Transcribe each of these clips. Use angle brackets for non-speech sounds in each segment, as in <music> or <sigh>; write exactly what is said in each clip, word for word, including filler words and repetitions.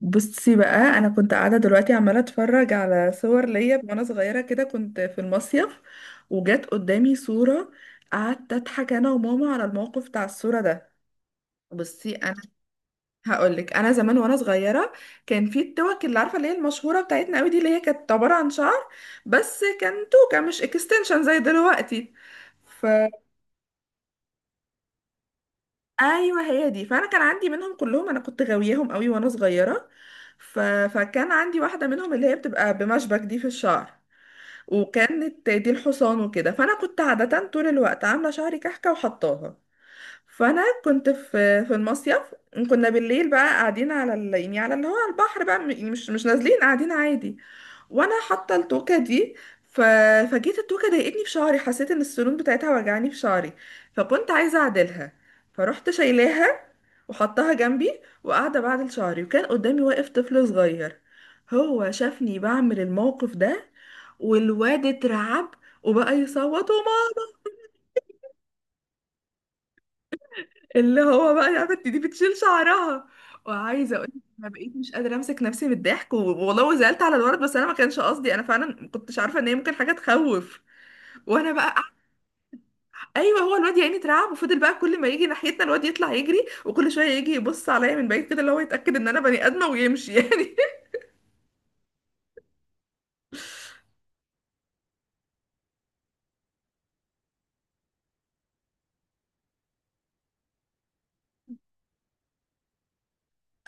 بصي بقى، انا كنت قاعده دلوقتي عماله اتفرج على صور ليا وانا صغيره كده، كنت في المصيف وجت قدامي صوره. قعدت اضحك انا وماما على الموقف بتاع الصوره ده. بصي انا هقولك، انا زمان وانا صغيره كان في التوك اللي عارفه، اللي هي المشهوره بتاعتنا قوي دي، اللي هي كانت عباره عن شعر، بس كان توكه مش اكستنشن زي دلوقتي. ف ايوه هي دي، فانا كان عندي منهم كلهم، انا كنت غاوياهم قوي وانا صغيره. ف... فكان عندي واحده منهم اللي هي بتبقى بمشبك دي في الشعر، وكانت دي الحصان وكده. فانا كنت عاده طول الوقت عامله شعري كحكه وحطاها. فانا كنت في في المصيف، كنا بالليل بقى قاعدين على ال... يعني على اللي هو على البحر بقى، م- يعني مش مش نازلين، قاعدين عادي، وانا حاطه التوكه دي. ف... فجيت التوكه ضايقتني في شعري، حسيت ان السنون بتاعتها وجعاني في شعري، فكنت عايزه اعدلها. فرحت شايلاها وحطها جنبي وقاعده بعدل شعري، وكان قدامي واقف طفل صغير. هو شافني بعمل الموقف ده والواد اترعب وبقى يصوت وماما، اللي هو بقى يا بنتي دي بتشيل شعرها. وعايزه اقول لك انا بقيت مش قادره امسك نفسي من الضحك و- والله، وزعلت على الولد بس انا ما كانش قصدي، انا فعلا ما كنتش عارفه ان هي ممكن حاجه تخوف. وانا بقى ايوه، هو الواد يعني اترعب وفضل بقى كل ما يجي ناحيتنا الواد يطلع يجري، وكل شويه يجي يبص عليا من بعيد كده، اللي هو يتاكد ان انا بني ادمه ويمشي <laughs> يعني.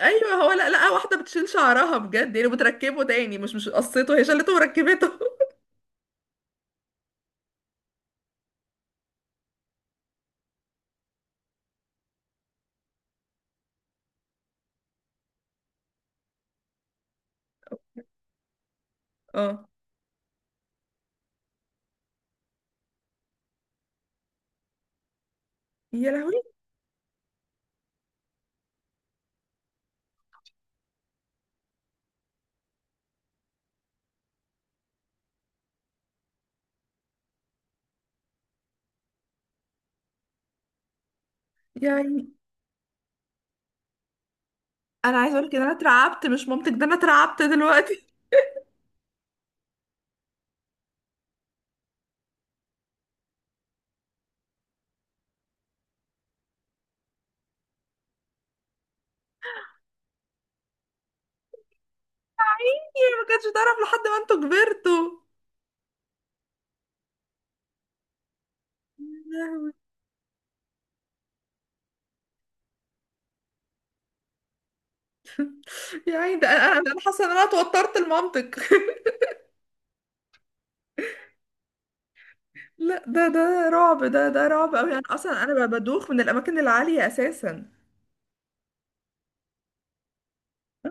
ايوه هو، لا لا، واحده بتشيل شعرها بجد يعني بتركبه تاني، مش مش قصته، هي شالته وركبته <laughs> اه يا لهوي. يعني انا عايزه اقول لك ان انا اترعبت، مش مامتك، ده انا اترعبت دلوقتي. يا ما كانش تعرف لحد ما انتوا كبرتوا. يا لهوي. يا عيني، ده انا انا أنا حاسه ان انا توترت المنطق <laughs> لا ده ده رعب، ده ده رعب قوي، انا اصلا انا ب- بدوخ من الاماكن العاليه اساسا. آه.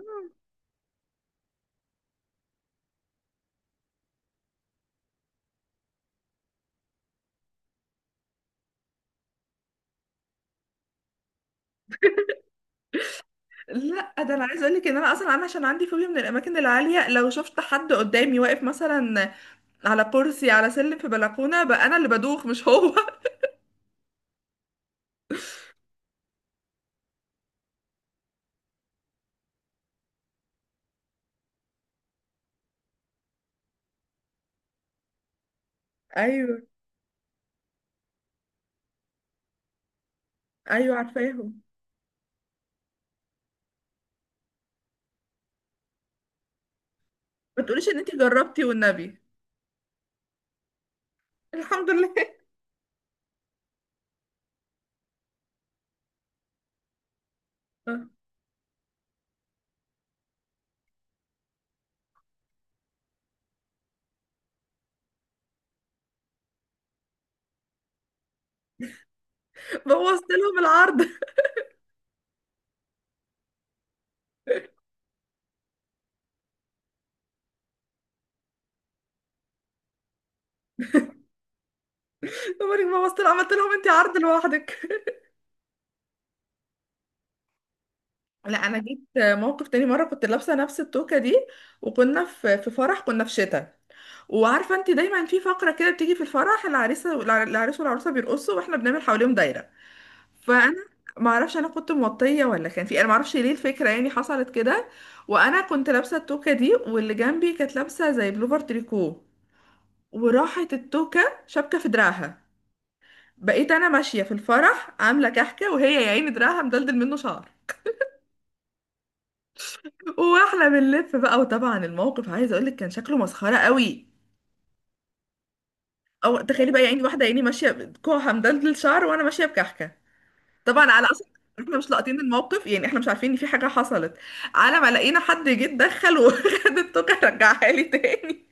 لا ده انا عايزه اقول لك ان انا اصلا انا عشان عندي فوبيا من الاماكن العاليه، لو شفت حد قدامي واقف مثلا على كرسي، على سلم، في بلكونه بقى، انا اللي بدوخ مش هو <laughs> ايوه، ايوه عارفاهم. ما تقوليش ان انت جربتي والنبي. الحمد لله. <laughs> بوظت لهم العرض. عمرك ما بصت، عملت لهم انت عرض لوحدك. <laughs> لا انا جيت موقف تاني. مره كنت لابسه نفس التوكه دي، وكنا في في فرح، كنا في شتاء. وعارفه انت دايما في فقره كده بتيجي في الفرح، العريسه والع- العريس والعروسه بيرقصوا واحنا بنعمل حواليهم دايره. فانا ما اعرفش، انا كنت موطيه، ولا كان في، انا ما اعرفش ليه الفكره يعني حصلت كده. وانا كنت لابسه التوكه دي، واللي جنبي كانت لابسه زي بلوفر تريكو، وراحت التوكه شبكه في دراعها. بقيت انا ماشيه في الفرح عامله كحكه، وهي يا عيني دراعها مدلدل منه شعر، واحنا بنلف بقى. وطبعا الموقف عايزه اقول لك كان شكله مسخره قوي. او تخيلي بقى، يعني واحده عيني ماشيه بكوعها مدلدل شعر، وانا ماشيه بكحكه. طبعا على اصلا، احنا مش لاقطين الموقف، يعني احنا مش عارفين ان في حاجه حصلت، على ما لقينا حد جه اتدخل <laughs> وخد التوكه رجعها لي تاني.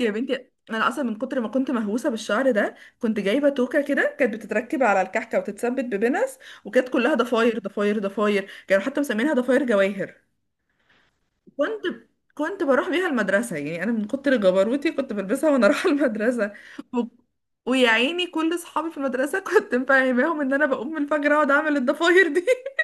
يا بنتي، انا اصلا من كتر ما كنت مهووسه بالشعر ده، كنت جايبه توكه كده كانت بتتركب على الكحكه وتتثبت ببنس، وكانت كلها ضفاير ضفاير ضفاير، كانوا حتى مسمينها ضفاير جواهر. كنت كنت بروح بيها المدرسة. يعني أنا من كتر جبروتي كنت بلبسها وأنا <laughs> رايحة المدرسة. و... ويا عيني، كل صحابي في المدرسة <laughs> كنت مفهماهم إن أنا بقوم من الفجر أقعد أعمل الضفاير دي <laughs>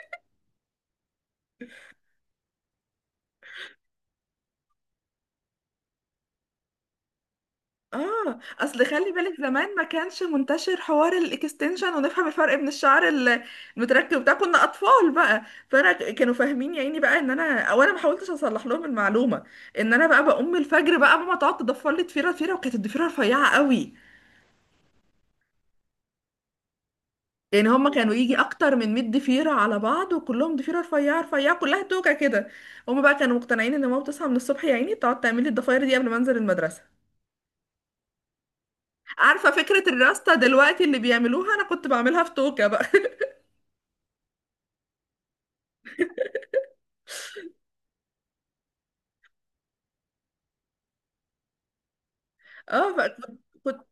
آه، أصل خلي بالك زمان ما كانش منتشر حوار الإكستنشن ونفهم الفرق بين الشعر ال- المتركب بتاع، كنا أطفال بقى. فأنا ك- كانوا فاهمين يا عيني بقى إن أنا أو أنا ما حاولتش أصلح لهم المعلومة إن أنا بقى بقوم من الفجر، بقى ماما تقعد تضفر لي ضفيرة ضفيرة، وكانت الضفيرة رفيعة قوي. يعني هما كانوا يجي اكتر من مية ضفيره على بعض، وكلهم ضفيره رفيعه رفيعه كلها توكه كده. هما بقى كانوا مقتنعين ان ماما بتصحى من الصبح يا عيني تقعد تعمل لي الضفاير دي قبل ما انزل المدرسه. عارفه فكره الراسته دلوقتي اللي بيعملوها، انا كنت بعملها في توكه بقى <laughs> اه بقى، كنت كنت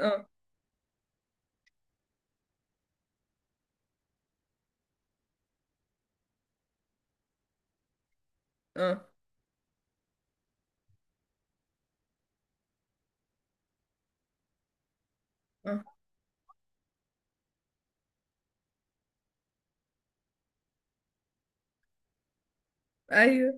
اه اه اه، ايوه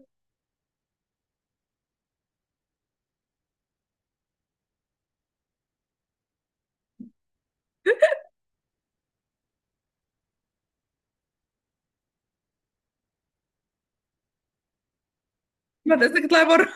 مدرستك تطلعي بره.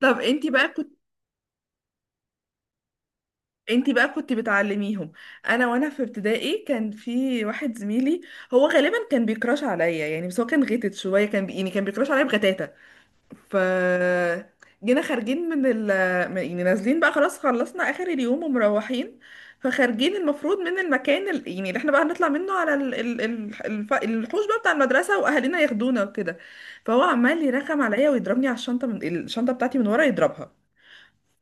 طب انتي بقى كنت، انتي بقى كنت بتعلميهم. انا وانا في ابتدائي كان في واحد زميلي، هو غالبا كان بيكراش عليا يعني، بس هو كان غيتت شويه، كان بي... يعني كان بيكراش عليا بغتاتة. ف جينا خارجين من ال يعني نازلين بقى، خلاص خلصنا اخر اليوم ومروحين. فخارجين المفروض من المكان ال... يعني اللي احنا بقى هنطلع منه على ال... ال... ال- الف... الحوش بقى بتاع المدرسة واهالينا ياخدونا وكده. فهو عمال يرخم عليا ويضربني على الشنطة، من الشنطة بتاعتي من ورا يضربها.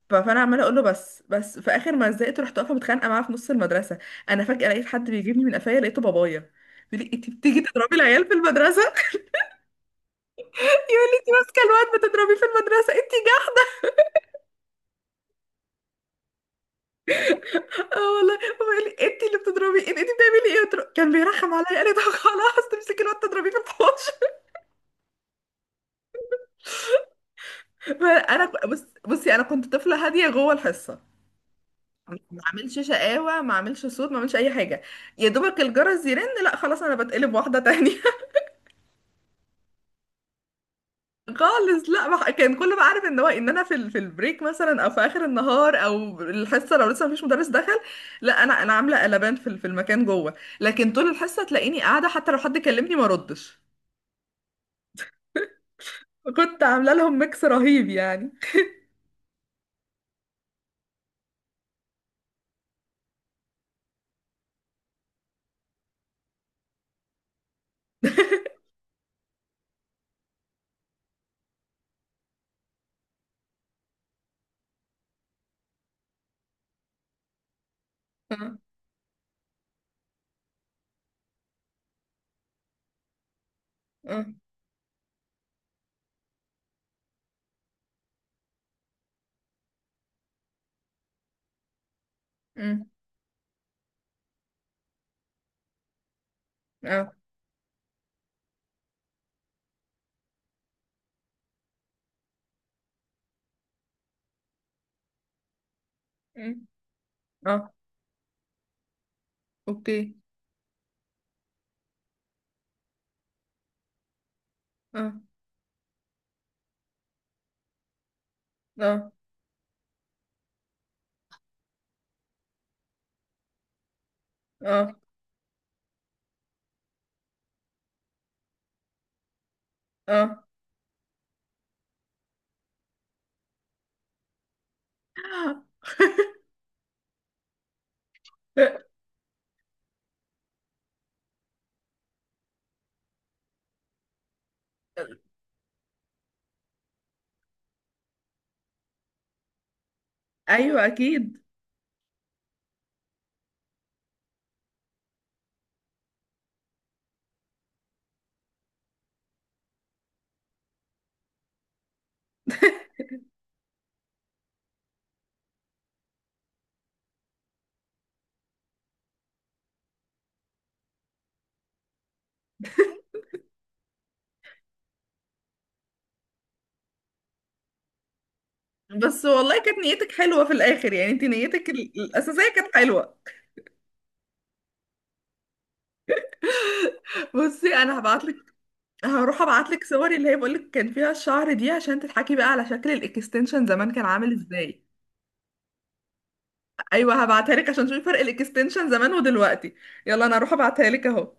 ف- فانا عماله اقول له بس بس، في اخر ما زهقت رحت واقفه متخانقه معاه في نص المدرسه. انا فجاه لقيت حد بيجيبني من قفايا، لقيته بابايا بيقول لي انت بتيجي تضربي العيال في المدرسه <laughs> يقول لي انت ماسكه الواد بتضربيه في المدرسه انت. اه والله، هو قال لي انت اللي بتضربي، انت بتعملي ايه؟ قلت له، كان بيرخم عليا، قال لي طب خلاص، تمسكي الواد تضربيه في الحوش <laughs> فانا ك- بص، بصي انا كنت طفله هاديه جوه الحصه، ما اعملش شقاوه، ما اعملش صوت، ما اعملش اي حاجه. يا دوبك الجرس يرن، لا خلاص انا بتقلب واحده تانية <laughs> خالص لا، ما- ح- كان كله بقى عارف ان هو ان انا في ال- في البريك مثلا، او في اخر النهار، او الحصه لو لسه مفيش مدرس دخل، لا انا انا عامله قلبان في ال- في المكان جوه. لكن طول الحصه تلاقيني قاعده، حتى لو حد كلمني ما ردش. كنت عامله لهم ميكس رهيب يعني. اه، اه، أم، اه، أم، اه، اوكي، اه، اه، اه، اه <laughs> ايوه اكيد. بس والله كانت نيتك حلوه في الاخر، يعني انت نيتك ال- الاساسيه كانت حلوه. بصي انا هبعتلك، هروح ابعتلك صوري اللي هي بقولك كان فيها الشعر دي، عشان تضحكي بقى على شكل الاكستنشن زمان كان عامل ازاي. ايوه هبعتها لك عشان تشوفي فرق الاكستنشن زمان ودلوقتي. يلا انا هروح ابعتها لك اهو.